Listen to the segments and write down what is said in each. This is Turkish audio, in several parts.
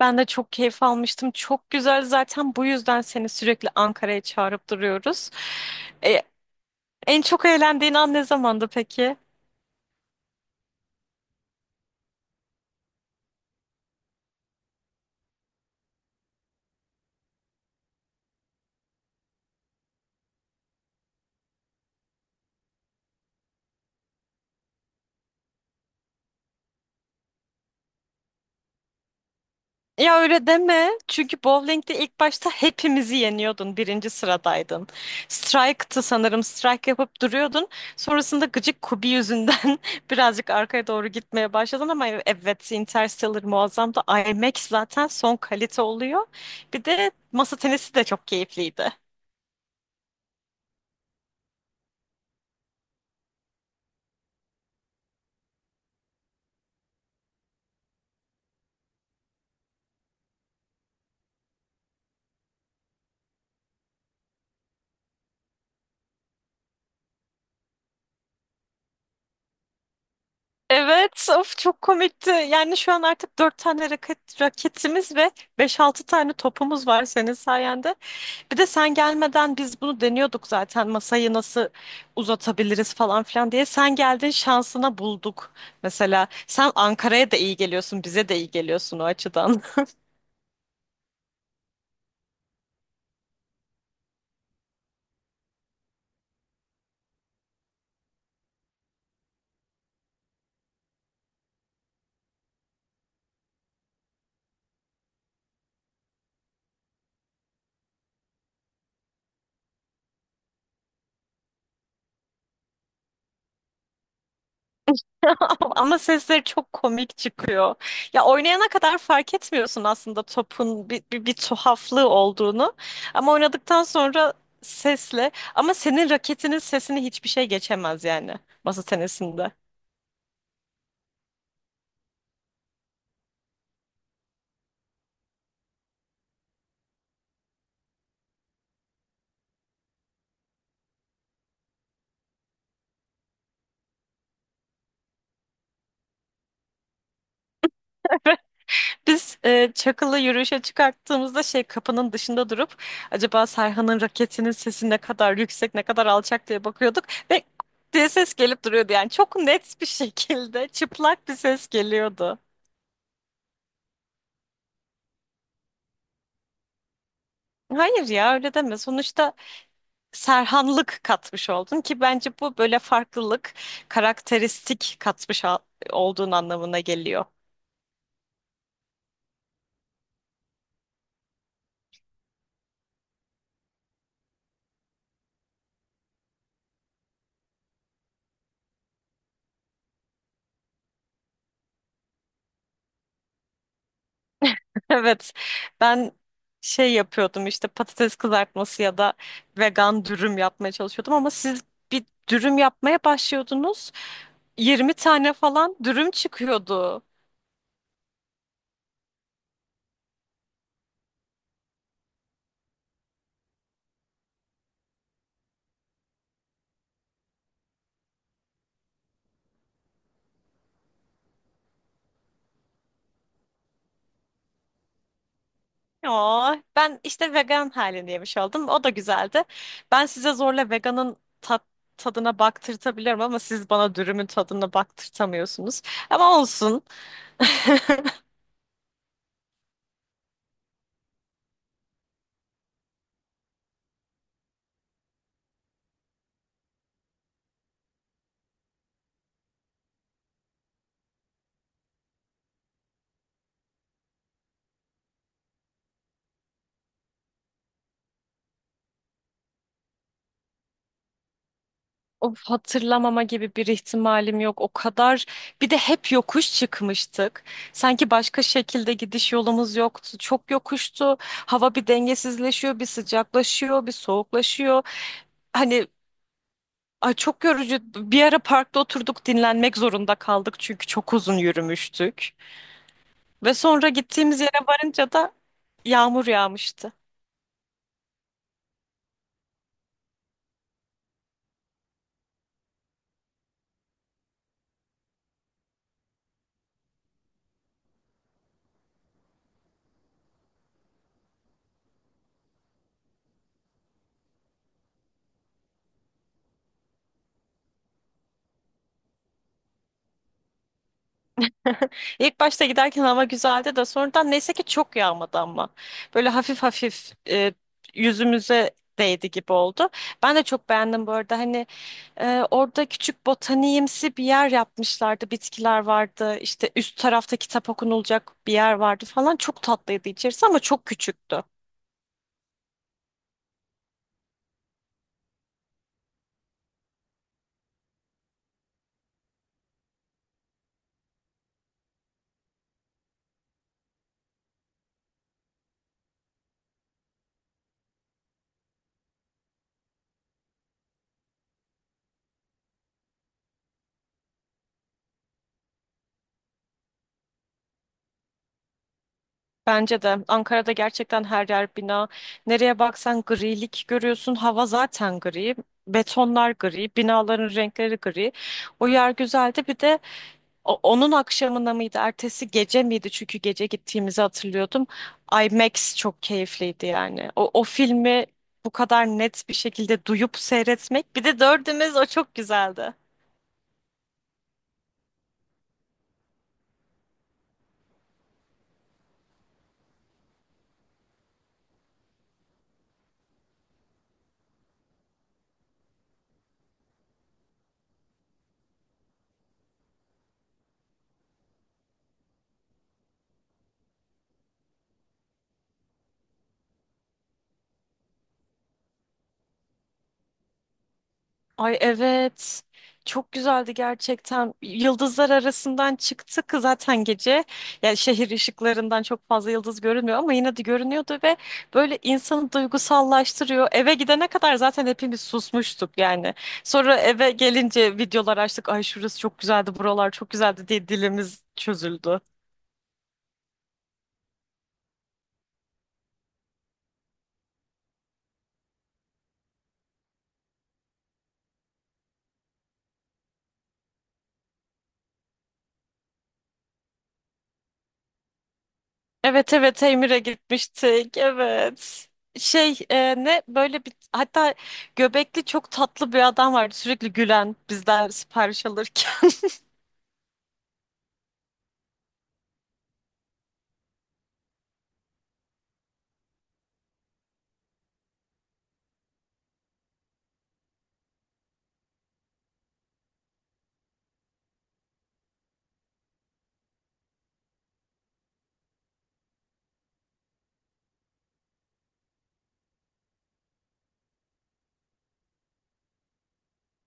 Ben de çok keyif almıştım. Çok güzel zaten bu yüzden seni sürekli Ankara'ya çağırıp duruyoruz. E, En çok eğlendiğin an ne zamandı peki? Ya öyle deme. Çünkü bowling'de ilk başta hepimizi yeniyordun. Birinci sıradaydın. Strike'tı sanırım. Strike yapıp duruyordun. Sonrasında gıcık Kubi yüzünden birazcık arkaya doğru gitmeye başladın ama evet Interstellar muazzamdı. IMAX zaten son kalite oluyor. Bir de masa tenisi de çok keyifliydi. Evet, of çok komikti. Yani şu an artık dört tane raketimiz ve beş altı tane topumuz var senin sayende. Bir de sen gelmeden biz bunu deniyorduk zaten masayı nasıl uzatabiliriz falan filan diye. Sen geldin şansına bulduk. Mesela sen Ankara'ya da iyi geliyorsun, bize de iyi geliyorsun o açıdan. Ama sesleri çok komik çıkıyor. Ya oynayana kadar fark etmiyorsun aslında topun bir tuhaflığı olduğunu. Ama oynadıktan sonra sesle ama senin raketinin sesini hiçbir şey geçemez yani masa tenisinde. Biz Çakıl'ı yürüyüşe çıkarttığımızda şey kapının dışında durup acaba Serhan'ın raketinin sesi ne kadar yüksek ne kadar alçak diye bakıyorduk ve diye ses gelip duruyordu yani çok net bir şekilde çıplak bir ses geliyordu. Hayır ya öyle deme sonuçta Serhanlık katmış oldun ki bence bu böyle farklılık karakteristik katmış olduğun anlamına geliyor. Evet, ben şey yapıyordum işte patates kızartması ya da vegan dürüm yapmaya çalışıyordum ama siz bir dürüm yapmaya başlıyordunuz. 20 tane falan dürüm çıkıyordu. Oo, ben işte vegan halini yemiş oldum. O da güzeldi. Ben size zorla veganın tadına baktırtabilirim ama siz bana dürümün tadına baktırtamıyorsunuz. Ama olsun. Of, hatırlamama gibi bir ihtimalim yok. O kadar bir de hep yokuş çıkmıştık. Sanki başka şekilde gidiş yolumuz yoktu. Çok yokuştu. Hava bir dengesizleşiyor, bir sıcaklaşıyor, bir soğuklaşıyor. Hani ay çok yorucu. Bir ara parkta oturduk dinlenmek zorunda kaldık çünkü çok uzun yürümüştük. Ve sonra gittiğimiz yere varınca da yağmur yağmıştı. İlk başta giderken hava güzeldi de sonradan neyse ki çok yağmadı ama. Böyle hafif hafif yüzümüze değdi gibi oldu. Ben de çok beğendim bu arada. Hani orada küçük botaniğimsi bir yer yapmışlardı. Bitkiler vardı. İşte üst tarafta kitap okunulacak bir yer vardı falan. Çok tatlıydı içerisi ama çok küçüktü. Bence de Ankara'da gerçekten her yer bina. Nereye baksan grilik görüyorsun. Hava zaten gri. Betonlar gri. Binaların renkleri gri. O yer güzeldi. Bir de onun akşamına mıydı, ertesi gece miydi? Çünkü gece gittiğimizi hatırlıyordum. IMAX çok keyifliydi yani. O filmi bu kadar net bir şekilde duyup seyretmek. Bir de dördümüz o çok güzeldi. Ay evet. Çok güzeldi gerçekten. Yıldızlar arasından çıktık zaten gece. Yani şehir ışıklarından çok fazla yıldız görünmüyor ama yine de görünüyordu ve böyle insanı duygusallaştırıyor. Eve gidene kadar zaten hepimiz susmuştuk yani. Sonra eve gelince videolar açtık. Ay şurası çok güzeldi, buralar çok güzeldi diye dilimiz çözüldü. Evet evet Emir'e gitmiştik. Evet. Şey ne böyle bir hatta göbekli çok tatlı bir adam vardı sürekli gülen bizden sipariş alırken.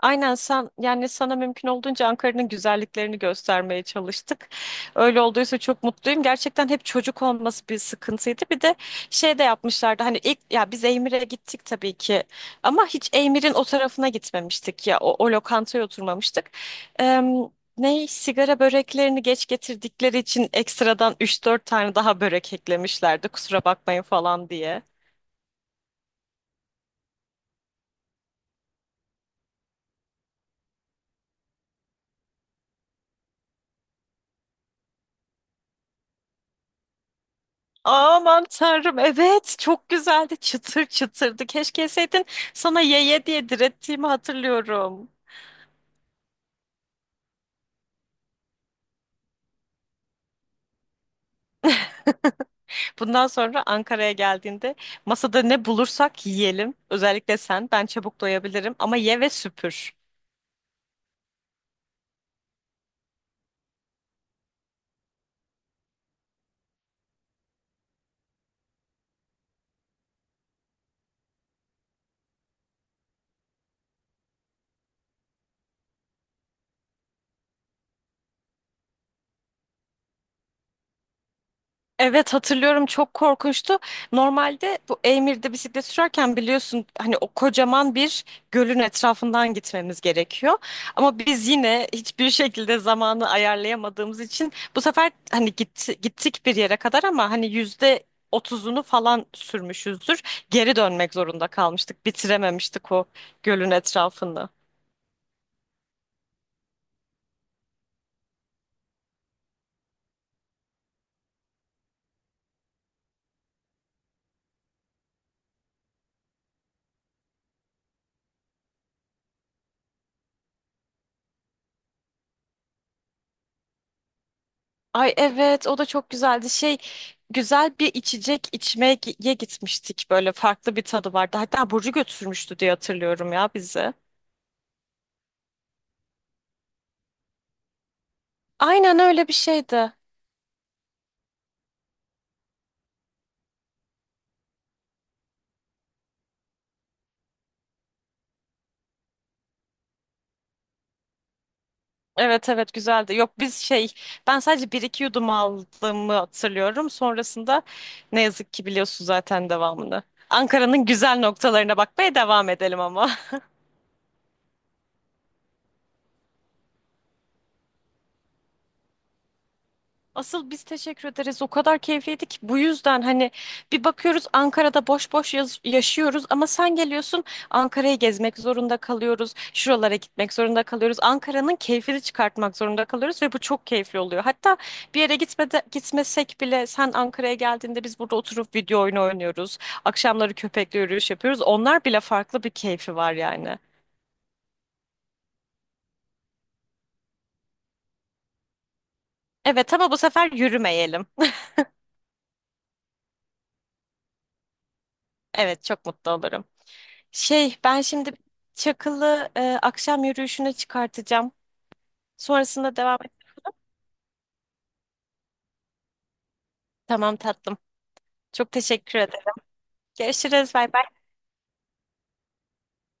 Aynen sen yani sana mümkün olduğunca Ankara'nın güzelliklerini göstermeye çalıştık. Öyle olduysa çok mutluyum. Gerçekten hep çocuk olması bir sıkıntıydı. Bir de şey de yapmışlardı hani ilk ya biz Eymir'e gittik tabii ki ama hiç Eymir'in o tarafına gitmemiştik ya o lokantaya oturmamıştık. Eee Ne sigara böreklerini geç getirdikleri için ekstradan üç dört tane daha börek eklemişlerdi kusura bakmayın falan diye. Aman tanrım evet çok güzeldi çıtır çıtırdı. Keşke yeseydin, sana ye ye diye direttiğimi hatırlıyorum. Bundan sonra Ankara'ya geldiğinde masada ne bulursak yiyelim. Özellikle sen. Ben çabuk doyabilirim ama ye ve süpür. Evet hatırlıyorum çok korkunçtu. Normalde bu Eymir'de bisiklet sürerken biliyorsun hani o kocaman bir gölün etrafından gitmemiz gerekiyor. Ama biz yine hiçbir şekilde zamanı ayarlayamadığımız için bu sefer hani gittik bir yere kadar ama hani %30'unu falan sürmüşüzdür. Geri dönmek zorunda kalmıştık. Bitirememiştik o gölün etrafını. Ay evet o da çok güzeldi. Şey güzel bir içecek içmeye gitmiştik, böyle farklı bir tadı vardı. Hatta Burcu götürmüştü diye hatırlıyorum ya bizi. Aynen öyle bir şeydi. Evet evet güzeldi. Yok biz şey ben sadece bir iki yudum aldığımı hatırlıyorum. Sonrasında ne yazık ki biliyorsun zaten devamını. Ankara'nın güzel noktalarına bakmaya devam edelim ama. Asıl biz teşekkür ederiz. O kadar keyifliydi ki bu yüzden hani bir bakıyoruz Ankara'da boş boş yaşıyoruz ama sen geliyorsun Ankara'yı gezmek zorunda kalıyoruz. Şuralara gitmek zorunda kalıyoruz. Ankara'nın keyfini çıkartmak zorunda kalıyoruz ve bu çok keyifli oluyor. Hatta bir yere gitmesek bile sen Ankara'ya geldiğinde biz burada oturup video oyunu oynuyoruz. Akşamları köpekle yürüyüş yapıyoruz. Onlar bile farklı bir keyfi var yani. Evet ama bu sefer yürümeyelim. Evet çok mutlu olurum. Şey, ben şimdi Çakıl'ı akşam yürüyüşüne çıkartacağım. Sonrasında devam et. Tamam tatlım. Çok teşekkür ederim. Görüşürüz. Bay bay.